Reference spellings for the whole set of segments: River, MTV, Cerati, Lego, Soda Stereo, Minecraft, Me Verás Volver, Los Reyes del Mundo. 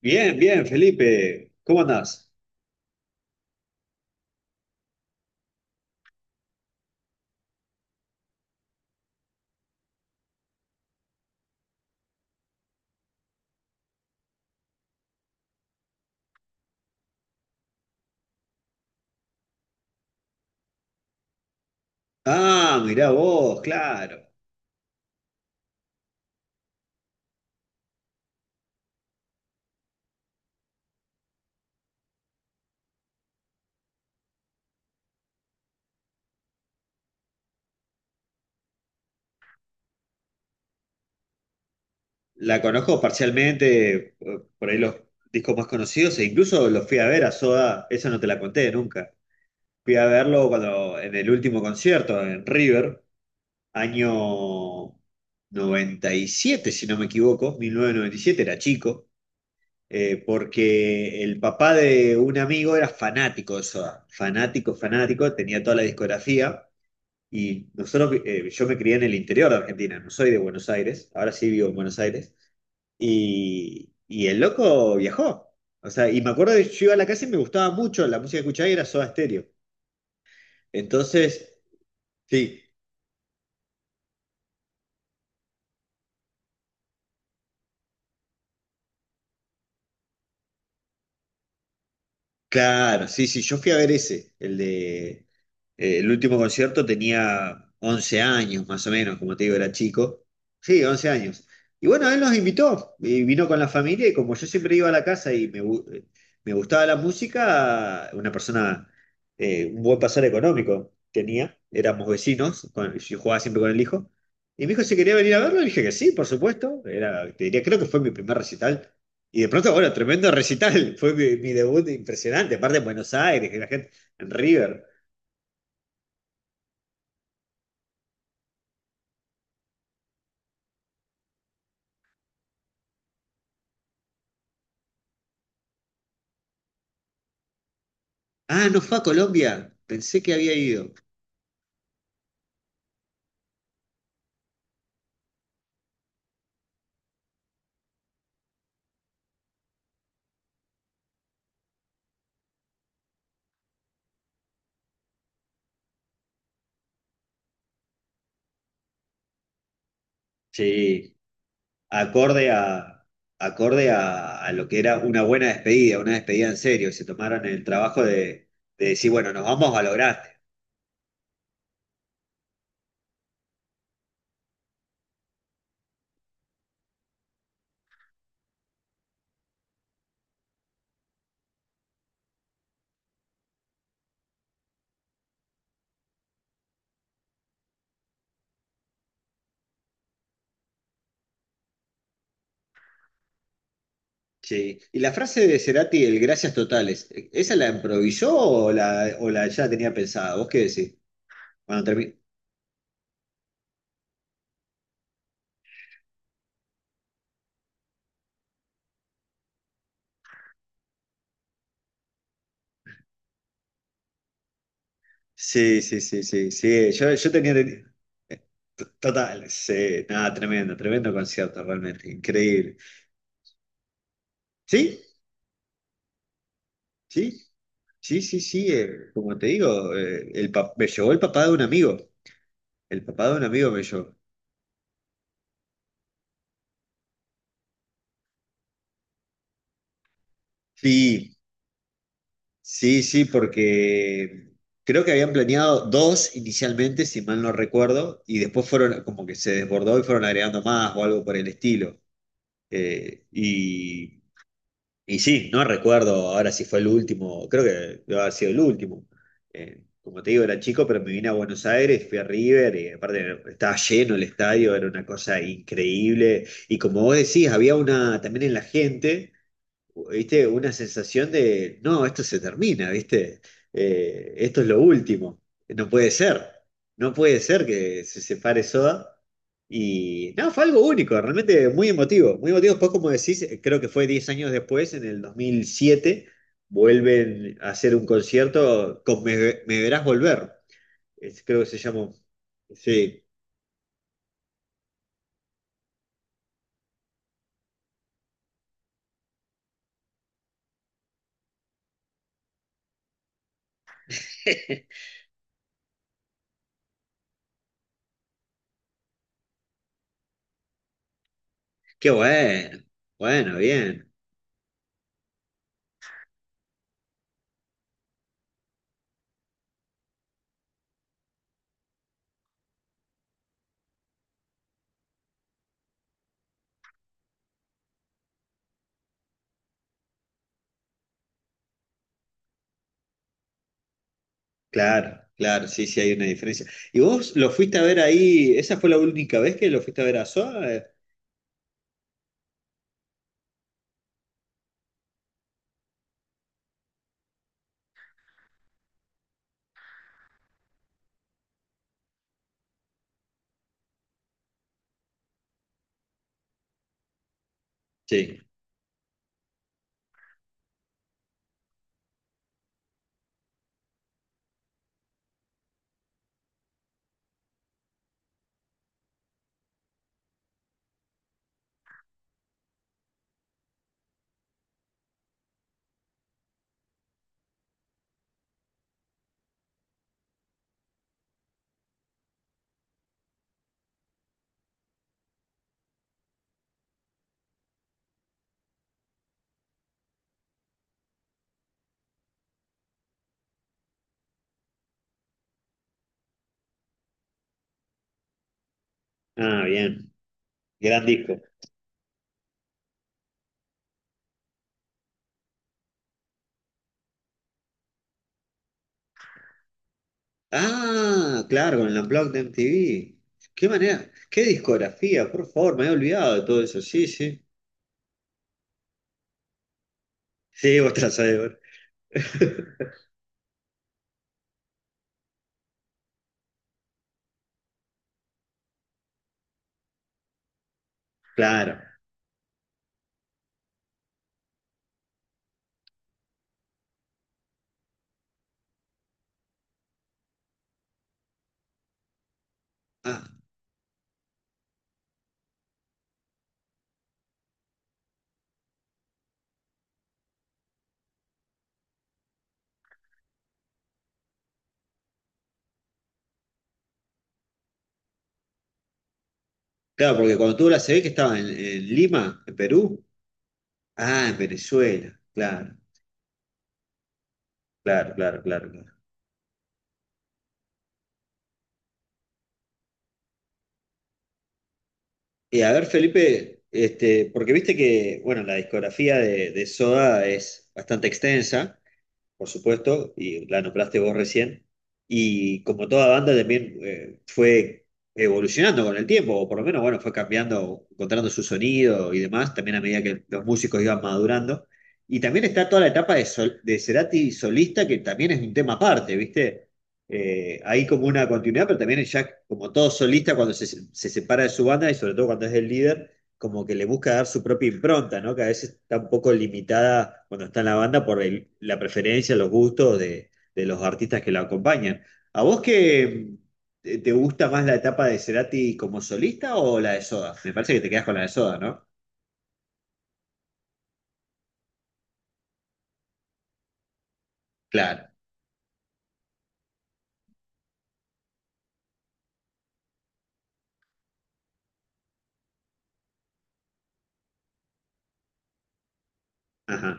Bien, bien, Felipe, ¿cómo andás? Ah, mirá vos, claro. La conozco parcialmente, por ahí los discos más conocidos, e incluso los fui a ver a Soda, esa no te la conté nunca. Fui a verlo cuando, en el último concierto en River, año 97, si no me equivoco, 1997 era chico, porque el papá de un amigo era fanático de Soda, fanático, fanático, tenía toda la discografía. Y nosotros, yo me crié en el interior de Argentina, no soy de Buenos Aires, ahora sí vivo en Buenos Aires. Y el loco viajó. O sea, y me acuerdo que yo iba a la casa y me gustaba mucho, la música que escuchaba era Soda Stereo. Entonces, sí, claro, sí, sí, yo fui a ver ese, el de. El último concierto tenía 11 años, más o menos, como te digo, era chico. Sí, 11 años. Y bueno, él nos invitó, y vino con la familia, y como yo siempre iba a la casa y me gustaba la música, una persona, un buen pasar económico tenía, éramos vecinos, yo jugaba siempre con el hijo, y mi hijo si quería venir a verlo, y dije que sí, por supuesto, era, te diría, creo que fue mi primer recital. Y de pronto, bueno, tremendo recital, fue mi debut impresionante, aparte en Buenos Aires, que la gente en River. Ah, no fue a Colombia. Pensé que había ido. Sí, acorde a, acorde a lo que era una buena despedida, una despedida en serio. Se tomaron el trabajo de decir, bueno, nos vamos a lo grande. Sí. Y la frase de Cerati, el gracias totales, ¿esa la improvisó o o la ya tenía pensada? ¿Vos qué decís? Cuando termi-. Sí, sí, sí, sí, sí. Yo tenía. Total, sí, nada, tremendo, tremendo concierto, realmente, increíble. ¿Sí? ¿Sí? Sí, sí, sí, como te digo, me llevó el papá de un amigo, el papá de un amigo me llevó. Sí, sí, sí, porque creo que habían planeado dos inicialmente, si mal no recuerdo, y después fueron como que se desbordó y fueron agregando más o algo por el estilo. Eh, y Y sí, no recuerdo ahora si fue el último, creo que debe haber sido el último. Como te digo, era chico, pero me vine a Buenos Aires, fui a River, y aparte estaba lleno el estadio, era una cosa increíble. Y como vos decís, había una, también en la gente. ¿Viste? Una sensación de, no, esto se termina, ¿viste? Esto es lo último. No puede ser. No puede ser que se separe Soda. Y no, fue algo único, realmente muy emotivo. Muy emotivo. Después, como decís, creo que fue 10 años después, en el 2007 vuelven a hacer un concierto con Me Verás Volver. Creo que se llamó. Sí. Qué bueno. Bueno, bien. Claro, claro, sí, sí hay una diferencia. ¿Y vos lo fuiste a ver ahí? ¿Esa fue la única vez que lo fuiste a ver a SOA? Sí. Ah, bien. Gran disco. Ah, claro, con el Unplugged de MTV. Qué manera, qué discografía, por favor, me había olvidado de todo eso. Sí, sí. Sí, vos te la sabés, bro. Claro. Ah, claro, porque cuando tú la se ve que estaba en, Lima, en Perú. Ah, en Venezuela. Claro, claro, claro, claro. Claro. Y a ver, Felipe, este, porque viste que, bueno, la discografía de Soda es bastante extensa por supuesto, y la nombraste vos recién. Y como toda banda también fue evolucionando con el tiempo, o por lo menos, bueno, fue cambiando, encontrando su sonido y demás, también a medida que los músicos iban madurando. Y también está toda la etapa de, de Cerati solista, que también es un tema aparte, ¿viste? Hay como una continuidad, pero también ya, como todo solista, cuando se separa de su banda y sobre todo cuando es el líder como que le busca dar su propia impronta, ¿no? Que a veces está un poco limitada cuando está en la banda por la preferencia, los gustos de los artistas que la acompañan. ¿A vos qué te gusta más la etapa de Cerati como solista o la de Soda? Me parece que te quedas con la de Soda, ¿no? Claro, ajá,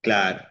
claro,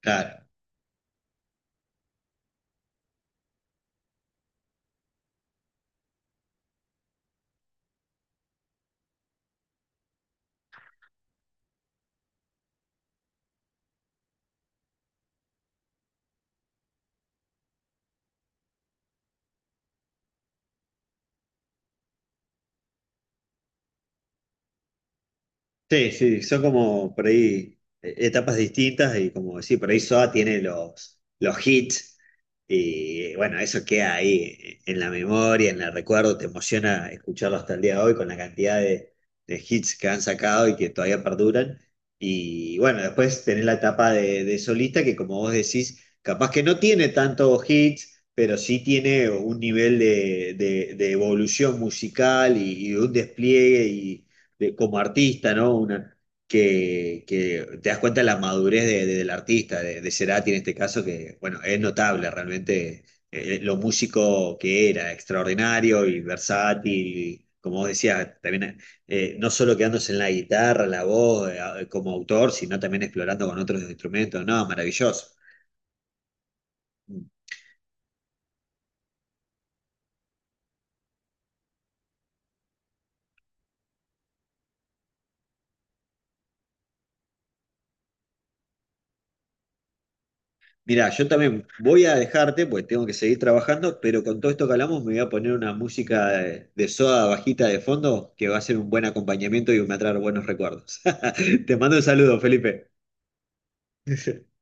claro. Sí, sí, son como por ahí etapas distintas y como decir, por ahí SOA tiene los hits y bueno, eso queda ahí en la memoria, en el recuerdo, te emociona escucharlo hasta el día de hoy con la cantidad de hits que han sacado y que todavía perduran. Y bueno, después tenés la etapa de solista que como vos decís, capaz que no tiene tantos hits, pero sí tiene un nivel de evolución musical y un despliegue como artista, ¿no? Una, que te das cuenta de la madurez del artista, de Cerati en este caso, que, bueno, es notable realmente lo músico que era, extraordinario y versátil, como vos decías, también no solo quedándose en la guitarra, la voz, como autor, sino también explorando con otros instrumentos, no, maravilloso. Mirá, yo también voy a dejarte, pues tengo que seguir trabajando, pero con todo esto que hablamos me voy a poner una música de Soda bajita de fondo que va a ser un buen acompañamiento y me va a traer buenos recuerdos. Te mando un saludo, Felipe.